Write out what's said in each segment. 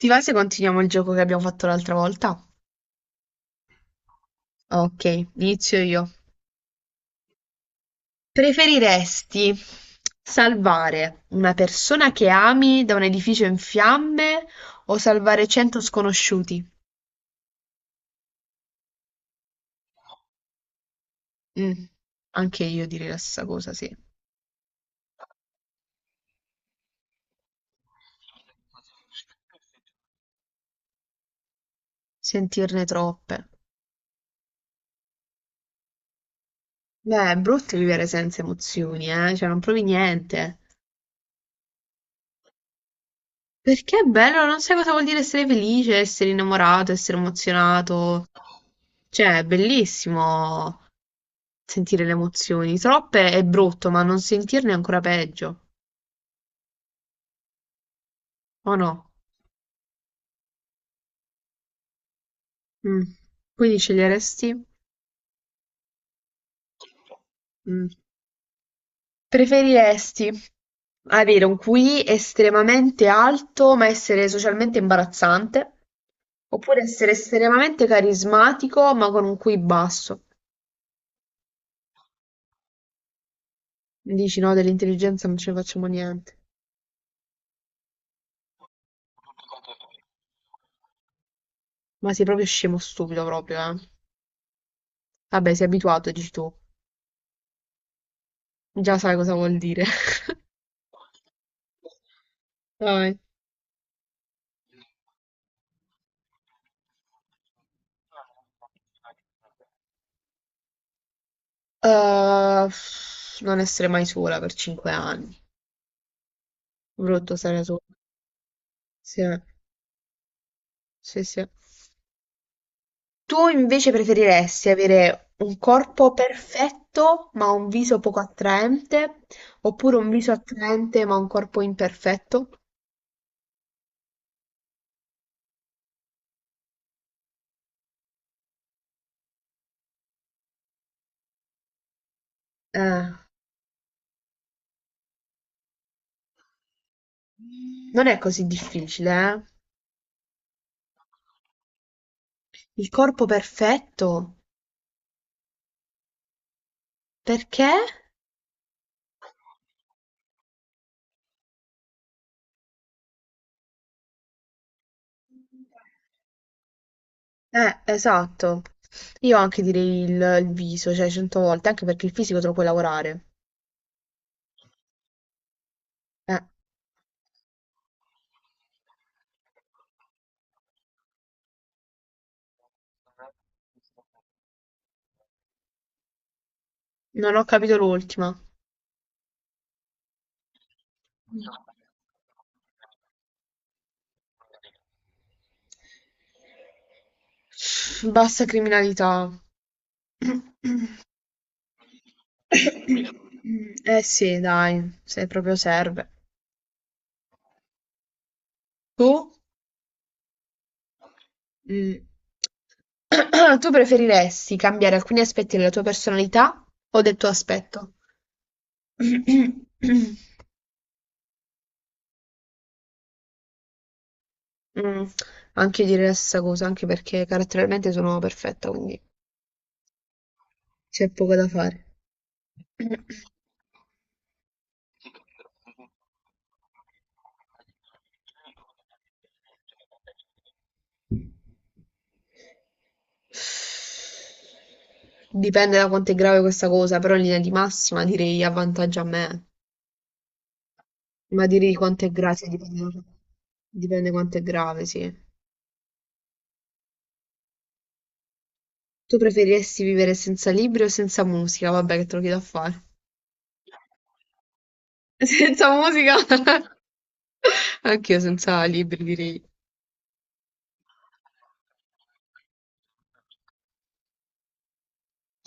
Ti va se continuiamo il gioco che abbiamo fatto l'altra volta? Ok, inizio io. Preferiresti salvare una persona che ami da un edificio in fiamme o salvare 100 sconosciuti? Mm, anche io direi la stessa cosa, sì. Sentirne troppe. Beh, è brutto vivere senza emozioni, eh? Cioè, non provi niente. Perché è bello, non sai cosa vuol dire essere felice, essere innamorato, essere emozionato. Cioè, è bellissimo sentire le emozioni. Troppe è brutto, ma non sentirne è ancora peggio. O no? Mm. Quindi sceglieresti? Mm. Preferiresti avere un QI estremamente alto, ma essere socialmente imbarazzante? Oppure essere estremamente carismatico, ma con un QI basso? Dici no, dell'intelligenza non ce ne facciamo niente. Ma sei proprio scemo stupido proprio, eh. Vabbè, sei abituato, dici tu. Già sai cosa vuol dire. Vai. Uh, non essere mai sola per 5 anni. Brutto stare sola. Sì, eh. Sì, sì. Tu invece preferiresti avere un corpo perfetto ma un viso poco attraente, oppure un viso attraente ma un corpo imperfetto? Eh, non è così difficile, eh? Il corpo perfetto, perché? Esatto. Io anche direi il viso, cioè 100 volte, anche perché il fisico te lo puoi lavorare. Eh, non ho capito l'ultima. Bassa criminalità. Eh sì, dai, se proprio serve. Tu? Mm. Tu preferiresti cambiare alcuni aspetti della tua personalità o del tuo aspetto? Mm, anche io direi la stessa cosa, anche perché caratterialmente sono perfetta, quindi c'è poco da fare. Dipende da quanto è grave questa cosa, però in linea di massima direi avvantaggia a me. Ma direi quanto è grave, sì, dipende, dipende quanto è grave, sì. Tu preferiresti vivere senza libri o senza musica? Vabbè, che te lo chiedo a fare. Senza musica? Anch'io senza libri direi.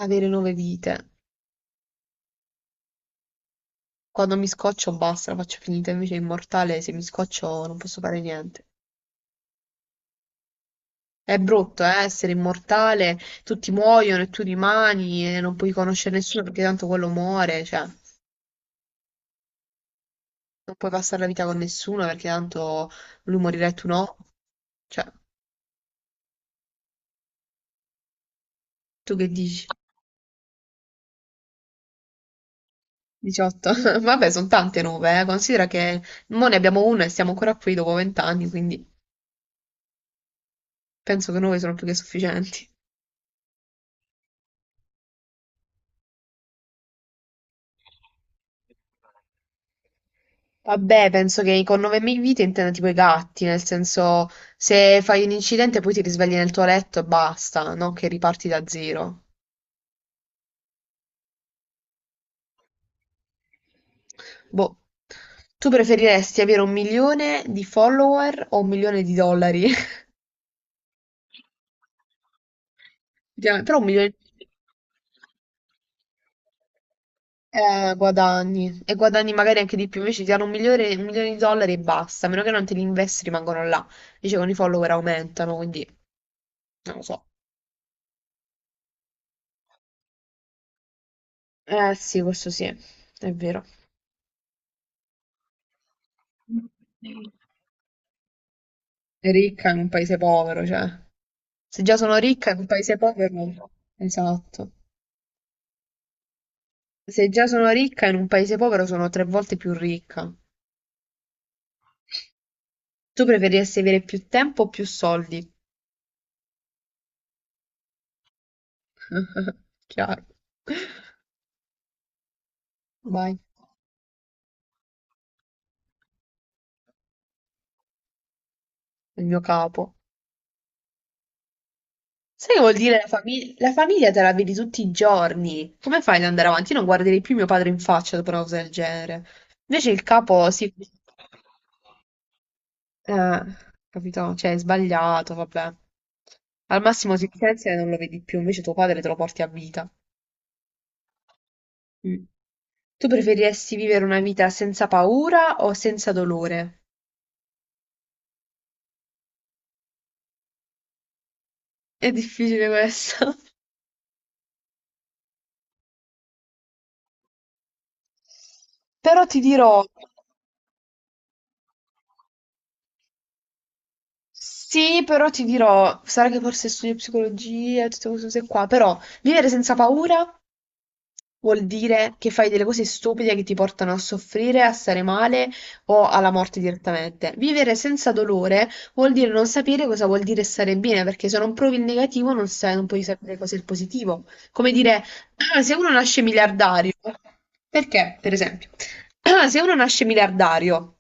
Avere 9 vite. Quando mi scoccio basta, la faccio finita, invece è immortale, se mi scoccio non posso fare niente. È brutto, essere immortale, tutti muoiono e tu rimani e non puoi conoscere nessuno perché tanto quello muore, cioè, non puoi passare la vita con nessuno perché tanto lui morirà e tu no. Cioè, tu che dici? 18. Vabbè, sono tante 9, eh. Considera che mo ne abbiamo 1 e siamo ancora qui dopo 20 anni, quindi penso che 9 sono più che sufficienti. Vabbè, penso che con 9000 vite intenda tipo i gatti, nel senso se fai un incidente poi ti risvegli nel tuo letto e basta, no? Che riparti da zero. Boh, tu preferiresti avere 1 milione di follower o 1 milione di dollari? Effettivamente. Però 1 milione, guadagni e guadagni magari anche di più. Invece ti danno 1 milione, un milione di dollari e basta. A meno che non te li investi, rimangono là. Invece con i follower aumentano, quindi non lo so. Eh sì, questo sì, è vero. È ricca in un paese povero, cioè. Se già sono ricca in un paese povero, non so. Esatto. Se già sono ricca in un paese povero, sono 3 volte più ricca. Tu preferiresti avere più tempo o più soldi? Chiaro. Vai, il mio capo. Sai che vuol dire la famiglia? La famiglia te la vedi tutti i giorni. Come fai ad andare avanti? Io non guarderei più mio padre in faccia dopo una cosa del genere. Invece il capo si... Eh, capito? Cioè, è sbagliato, vabbè. Al massimo si licenzia e non lo vedi più, invece tuo padre te lo porti a vita. Mm. Tu preferiresti vivere una vita senza paura o senza dolore? È difficile questo. Però ti dirò... Sì, però ti dirò, sarà che forse studio psicologia e tutte queste cose qua, però vivere senza paura vuol dire che fai delle cose stupide che ti portano a soffrire, a stare male o alla morte direttamente. Vivere senza dolore vuol dire non sapere cosa vuol dire stare bene, perché se non provi il negativo non sai, non puoi sapere cos'è il positivo. Come dire, "Ah, se uno nasce miliardario, perché, per esempio, "Ah, se uno nasce miliardario,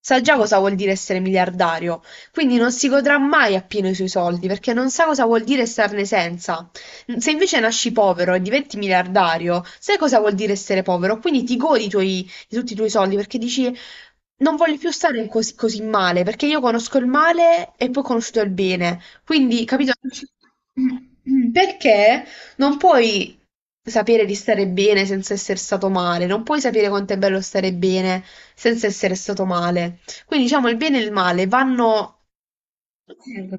sa già cosa vuol dire essere miliardario, quindi non si godrà mai appieno i suoi soldi, perché non sa cosa vuol dire starne senza. Mm, se invece nasci povero e diventi miliardario, sai cosa vuol dire essere povero? Quindi ti godi i tuoi- di tutti i tuoi soldi perché dici non voglio più stare così, così male, perché io conosco il male e poi ho conosciuto il bene. Quindi, capito? Perché non puoi sapere di stare bene senza essere stato male, non puoi sapere quanto è bello stare bene senza essere stato male. Quindi, diciamo, il bene e il male vanno... Eh,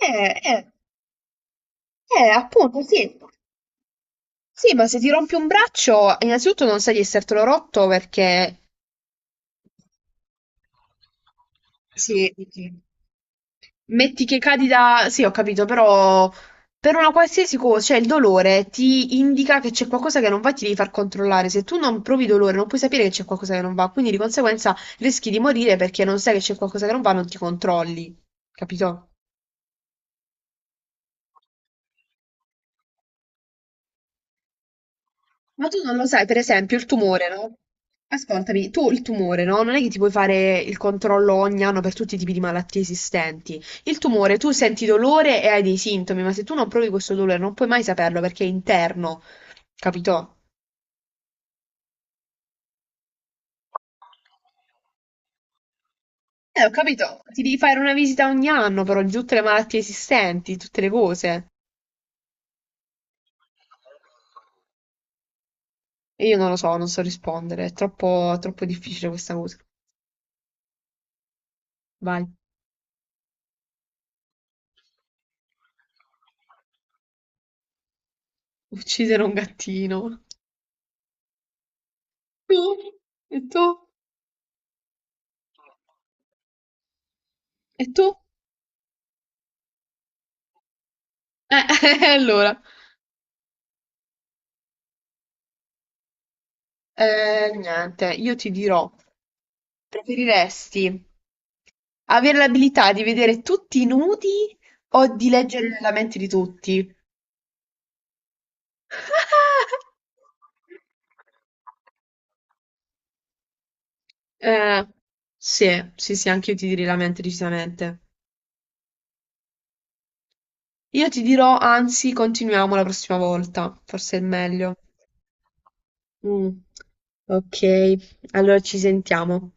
eh, appunto, sì. Sì, ma se ti rompi un braccio, innanzitutto non sai di essertelo rotto perché sì, sì, sì. Metti che cadi da... Sì, ho capito, però per una qualsiasi cosa, cioè il dolore ti indica che c'è qualcosa che non va, e ti devi far controllare. Se tu non provi dolore, non puoi sapere che c'è qualcosa che non va, quindi di conseguenza rischi di morire perché non sai che c'è qualcosa che non va, non ti controlli, capito? Ma tu non lo sai, per esempio, il tumore, no? Ascoltami, tu il tumore, no? Non è che ti puoi fare il controllo ogni anno per tutti i tipi di malattie esistenti. Il tumore, tu senti dolore e hai dei sintomi, ma se tu non provi questo dolore non puoi mai saperlo perché è interno, capito? Ho capito. Ti devi fare una visita ogni anno, però, di tutte le malattie esistenti, di tutte le cose. E io non lo so, non so rispondere. È troppo, troppo difficile questa cosa. Vai, uccidere un gattino. Tu? E tu? E tu? Eh, allora. Niente, io ti dirò, preferiresti avere l'abilità di vedere tutti i nudi o di leggere la mente di tutti? Eh, sì, sì, sì, anche io ti direi la mente decisamente. Io ti dirò, anzi, continuiamo la prossima volta, forse è meglio. Mm, ok, allora ci sentiamo.